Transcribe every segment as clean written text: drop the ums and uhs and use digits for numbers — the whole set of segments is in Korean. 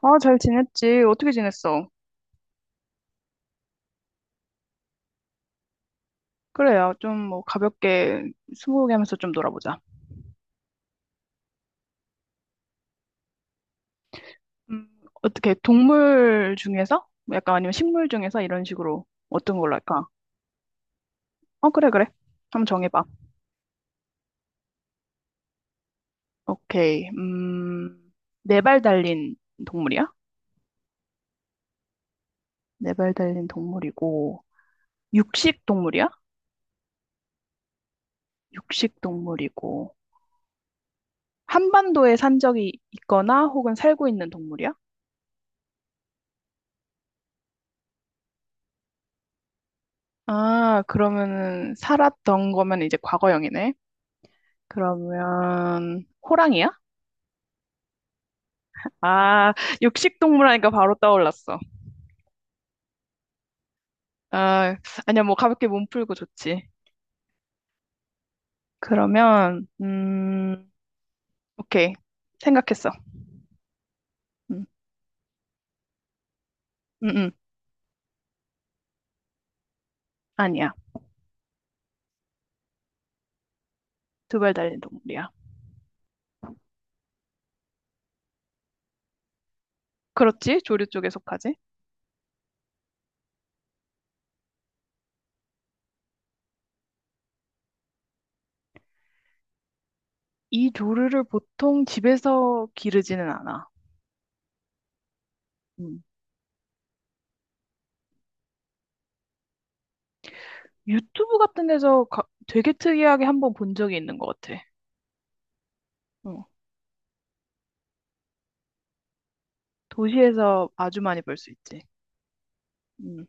아, 잘 지냈지? 어떻게 지냈어? 그래야 좀 뭐 가볍게 스무고개 하면서 좀 놀아보자. 음, 어떻게 동물 중에서? 뭐 약간 아니면 식물 중에서 이런 식으로 어떤 걸로 할까? 어, 그래, 그래. 한번 정해봐. 오케이. 네발 달린 동물이야? 네발 달린 동물이고, 육식 동물이야? 육식 동물이고, 한반도에 산 적이 있거나 혹은 살고 있는 동물이야? 아, 그러면은 살았던 거면 이제 과거형이네. 그러면 호랑이야? 아, 육식동물 하니까 바로 떠올랐어. 아, 아니야, 뭐 가볍게 몸 풀고 좋지. 그러면 오케이. 생각했어. 음, 음, 음. 아니야. 두발 달린 동물이야. 그렇지? 조류 쪽에 속하지? 이 조류를 보통 집에서 기르지는 않아. 음. 유튜브 같은 데서 되게 특이하게 한번 본 적이 있는 것 같아. 어. 도시에서 아주 많이 볼 수 있지. 음.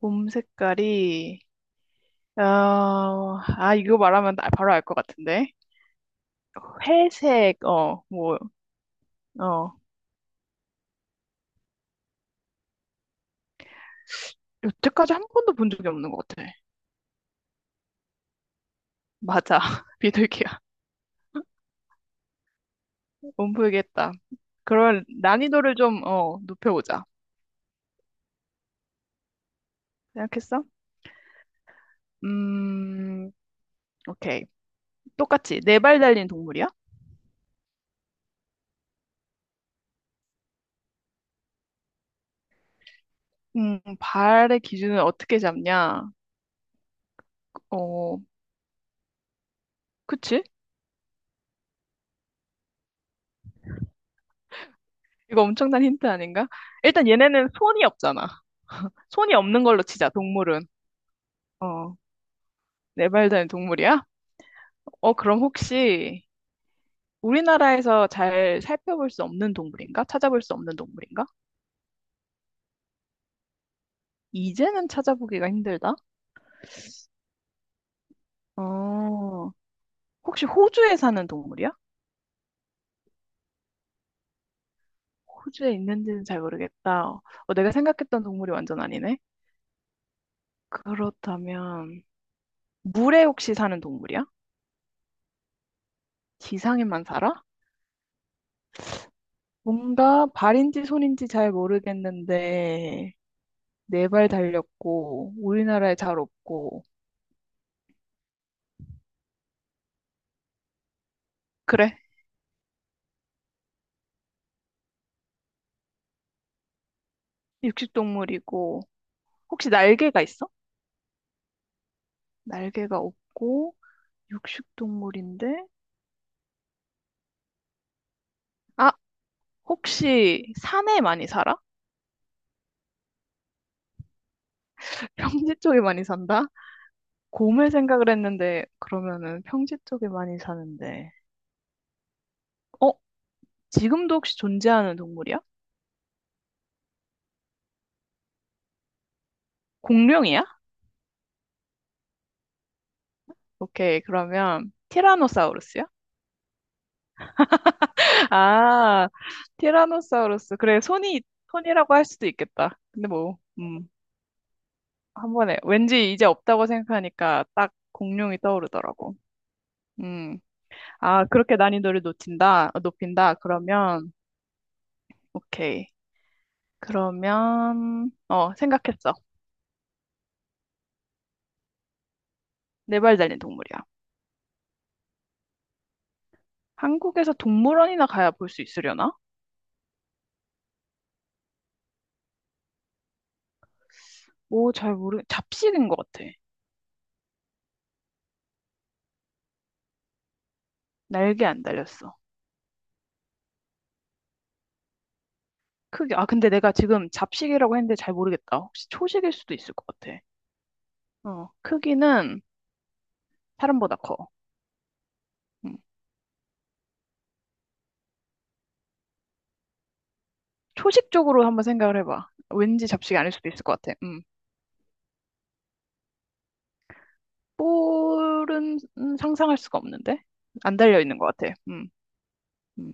몸 색깔이 어, 아, 이거 말하면 나 바로 알 것 같은데. 회색, 어, 뭐, 어. 여태까지 한 번도 본 적이 없는 것 같아. 맞아. 비둘기야. 못 풀겠다. 그런 난이도를 좀, 어, 높여보자. 생각했어? 음, 오케이. 똑같이. 네 발 달린 동물이야? 발의 기준은 어떻게 잡냐? 어, 그치? 이거 엄청난 힌트 아닌가? 일단 얘네는 손이 없잖아. 손이 없는 걸로 치자, 동물은. 어, 네 발 달린 동물이야? 어, 그럼 혹시 우리나라에서 잘 살펴볼 수 없는 동물인가? 찾아볼 수 없는 동물인가? 이제는 찾아보기가 힘들다. 어, 혹시 호주에 사는 동물이야? 호주에 있는지는 잘 모르겠다. 어, 내가 생각했던 동물이 완전 아니네. 그렇다면 물에 혹시 사는 동물이야? 지상에만 살아? 뭔가 발인지 손인지 잘 모르겠는데 네 발 달렸고 우리나라에 잘 없고 그래 육식동물이고 혹시 날개가 있어? 날개가 없고 육식동물인데 아 혹시 산에 많이 살아? 평지 쪽에 많이 산다? 곰을 생각을 했는데 그러면은 평지 쪽에 많이 사는데 어 지금도 혹시 존재하는 동물이야? 공룡이야? 오케이 그러면 티라노사우루스야? 아 티라노사우루스 그래 손이 손이라고 할 수도 있겠다 근데 뭐 한 번에 왠지 이제 없다고 생각하니까 딱 공룡이 떠오르더라고 음 아, 그렇게 난이도를 높인다, 어, 높인다. 그러면, 오케이. 그러면, 어, 생각했어. 네발 달린 동물이야. 한국에서 동물원이나 가야 볼 수 있으려나? 뭐, 잡식인 것 같아. 날개 안 달렸어. 크기, 아, 근데 내가 지금 잡식이라고 했는데 잘 모르겠다. 혹시 초식일 수도 있을 것 같아. 어, 크기는 사람보다 커. 음. 초식 쪽으로 한번 생각을 해봐. 왠지 잡식이 아닐 수도 있을 것 같아. 음. 볼은 상상할 수가 없는데? 안 달려 있는 것 같아. 음. 음.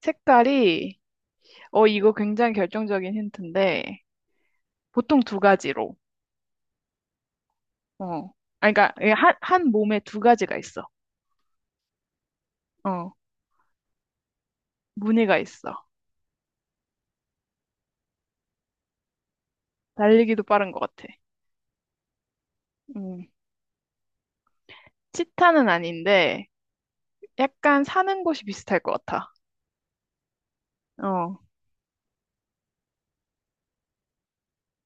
색깔이, 어, 이거 굉장히 결정적인 힌트인데, 보통 두 가지로, 어. 아, 그러니까, 예, 한 몸에 두 가지가 있어. 어, 무늬가 있어. 달리기도 빠른 것 같아. 음, 치타는 아닌데, 약간 사는 곳이 비슷할 것 같아. 어,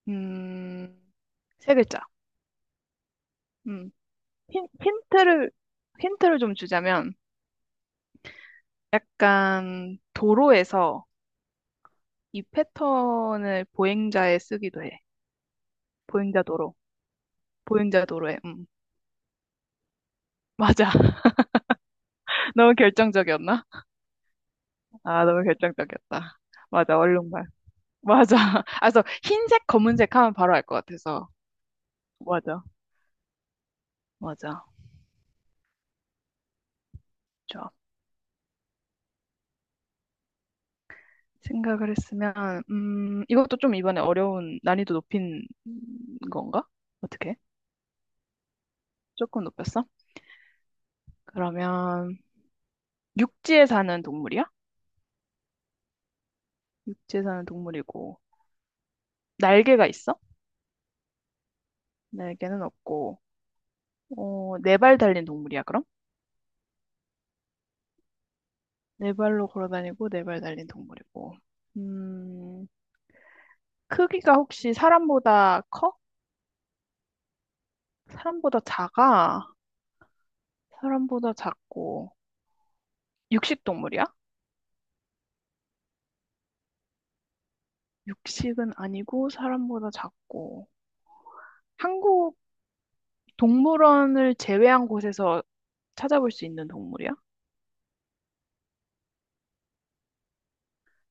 음, 세 글자. 음, 힌트를, 힌트를 좀 주자면, 약간 도로에서 이 패턴을 보행자에 쓰기도 해. 보행자 도로. 보행자 도로에. 음. 맞아. 너무 결정적이었나? 아, 너무 결정적이었다. 맞아, 얼룩말. 맞아. 아, 그래서 흰색, 검은색 하면 바로 알 것 같아서. 맞아, 맞아. 좋아. 생각을 했으면, 이것도 좀 이번에 어려운, 난이도 높인 건가? 어떻게? 조금 높였어? 그러면, 육지에 사는 동물이야? 육지에 사는 동물이고, 날개가 있어? 날개는 없고, 어, 네 발 달린 동물이야, 그럼? 네 발로 걸어 다니고, 네발 달린 동물이고. 음, 크기가 혹시 사람보다 커? 사람보다 작아? 사람보다 작고. 육식 동물이야? 육식은 아니고 사람보다 작고. 한국 동물원을 제외한 곳에서 찾아볼 수 있는 동물이야?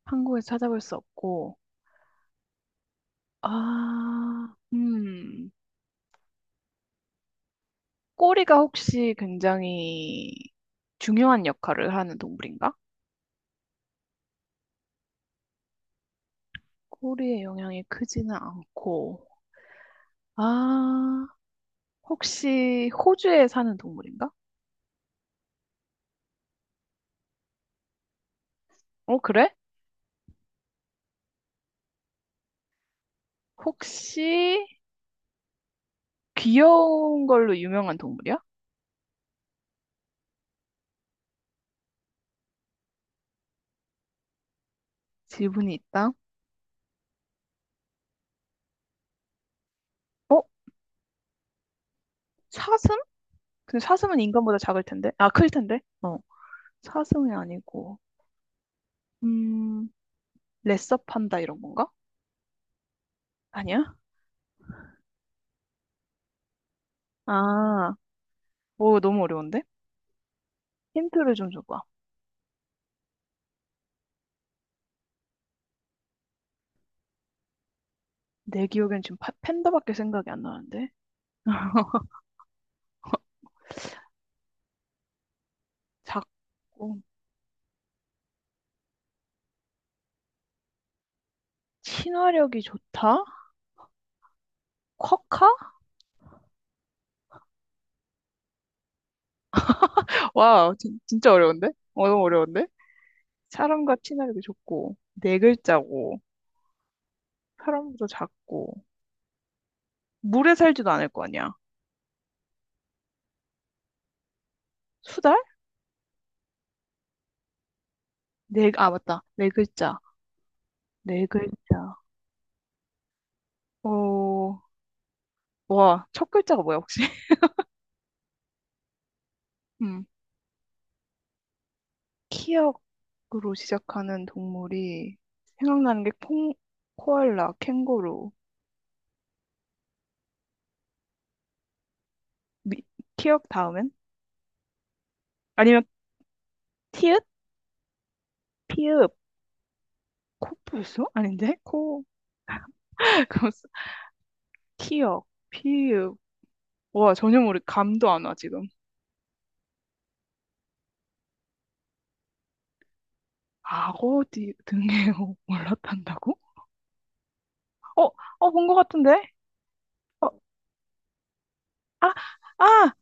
한국에서 찾아볼 수 없고. 아, 꼬리가 혹시 굉장히 중요한 역할을 하는 동물인가? 꼬리의 영향이 크지는 않고. 아, 혹시 호주에 사는 동물인가? 어, 그래? 혹시 귀여운 걸로 유명한 동물이야? 지분이 있다. 어? 사슴? 근데 사슴은 인간보다 작을 텐데. 아, 클 텐데. 어. 사슴이 아니고. 음, 레서 판다 이런 건가? 아니야? 아, 오, 너무 어려운데? 힌트를 좀 줘봐. 내 기억엔 지금 팬다밖에 생각이 안 나는데. 작고, 친화력이 좋다? 쿼카? 와, 진짜 어려운데? 어, 너무 어려운데? 사람과 친화력이 좋고, 네 글자고. 사람보다 작고 물에 살지도 않을 거 아니야. 수달? 네, 아 맞다. 네 글자. 네 글자. 어, 와, 첫 글자가 뭐야 혹시? 음, 키역으로 시작하는 동물이 생각나는 게 콩, 코알라, 캥거루. 미, 키역 다음엔? 아니면 티읕? 피읕? 코뿔소? 아닌데? 코, 그거 쓰- 키역, 피읕. 와, 감도 안 와, 지금. 악어 등에 올라탄다고? 어, 어, 본 것 같은데? 어, 아, 아,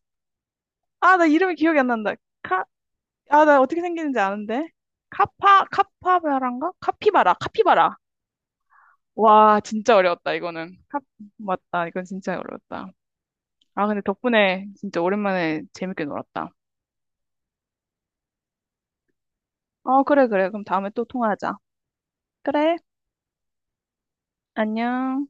아, 나 이름이 기억이 안 난다. 카, 아, 나 어떻게 생기는지 아는데. 카파, 카파바라인가? 카피바라, 카피바라. 와, 진짜 어려웠다, 이거는. 카, 맞다, 이건 진짜 어려웠다. 아, 근데 덕분에 진짜 오랜만에 재밌게 놀았다. 어, 그래, 그래. 그럼 다음에 또 통화하자. 그래, 안녕.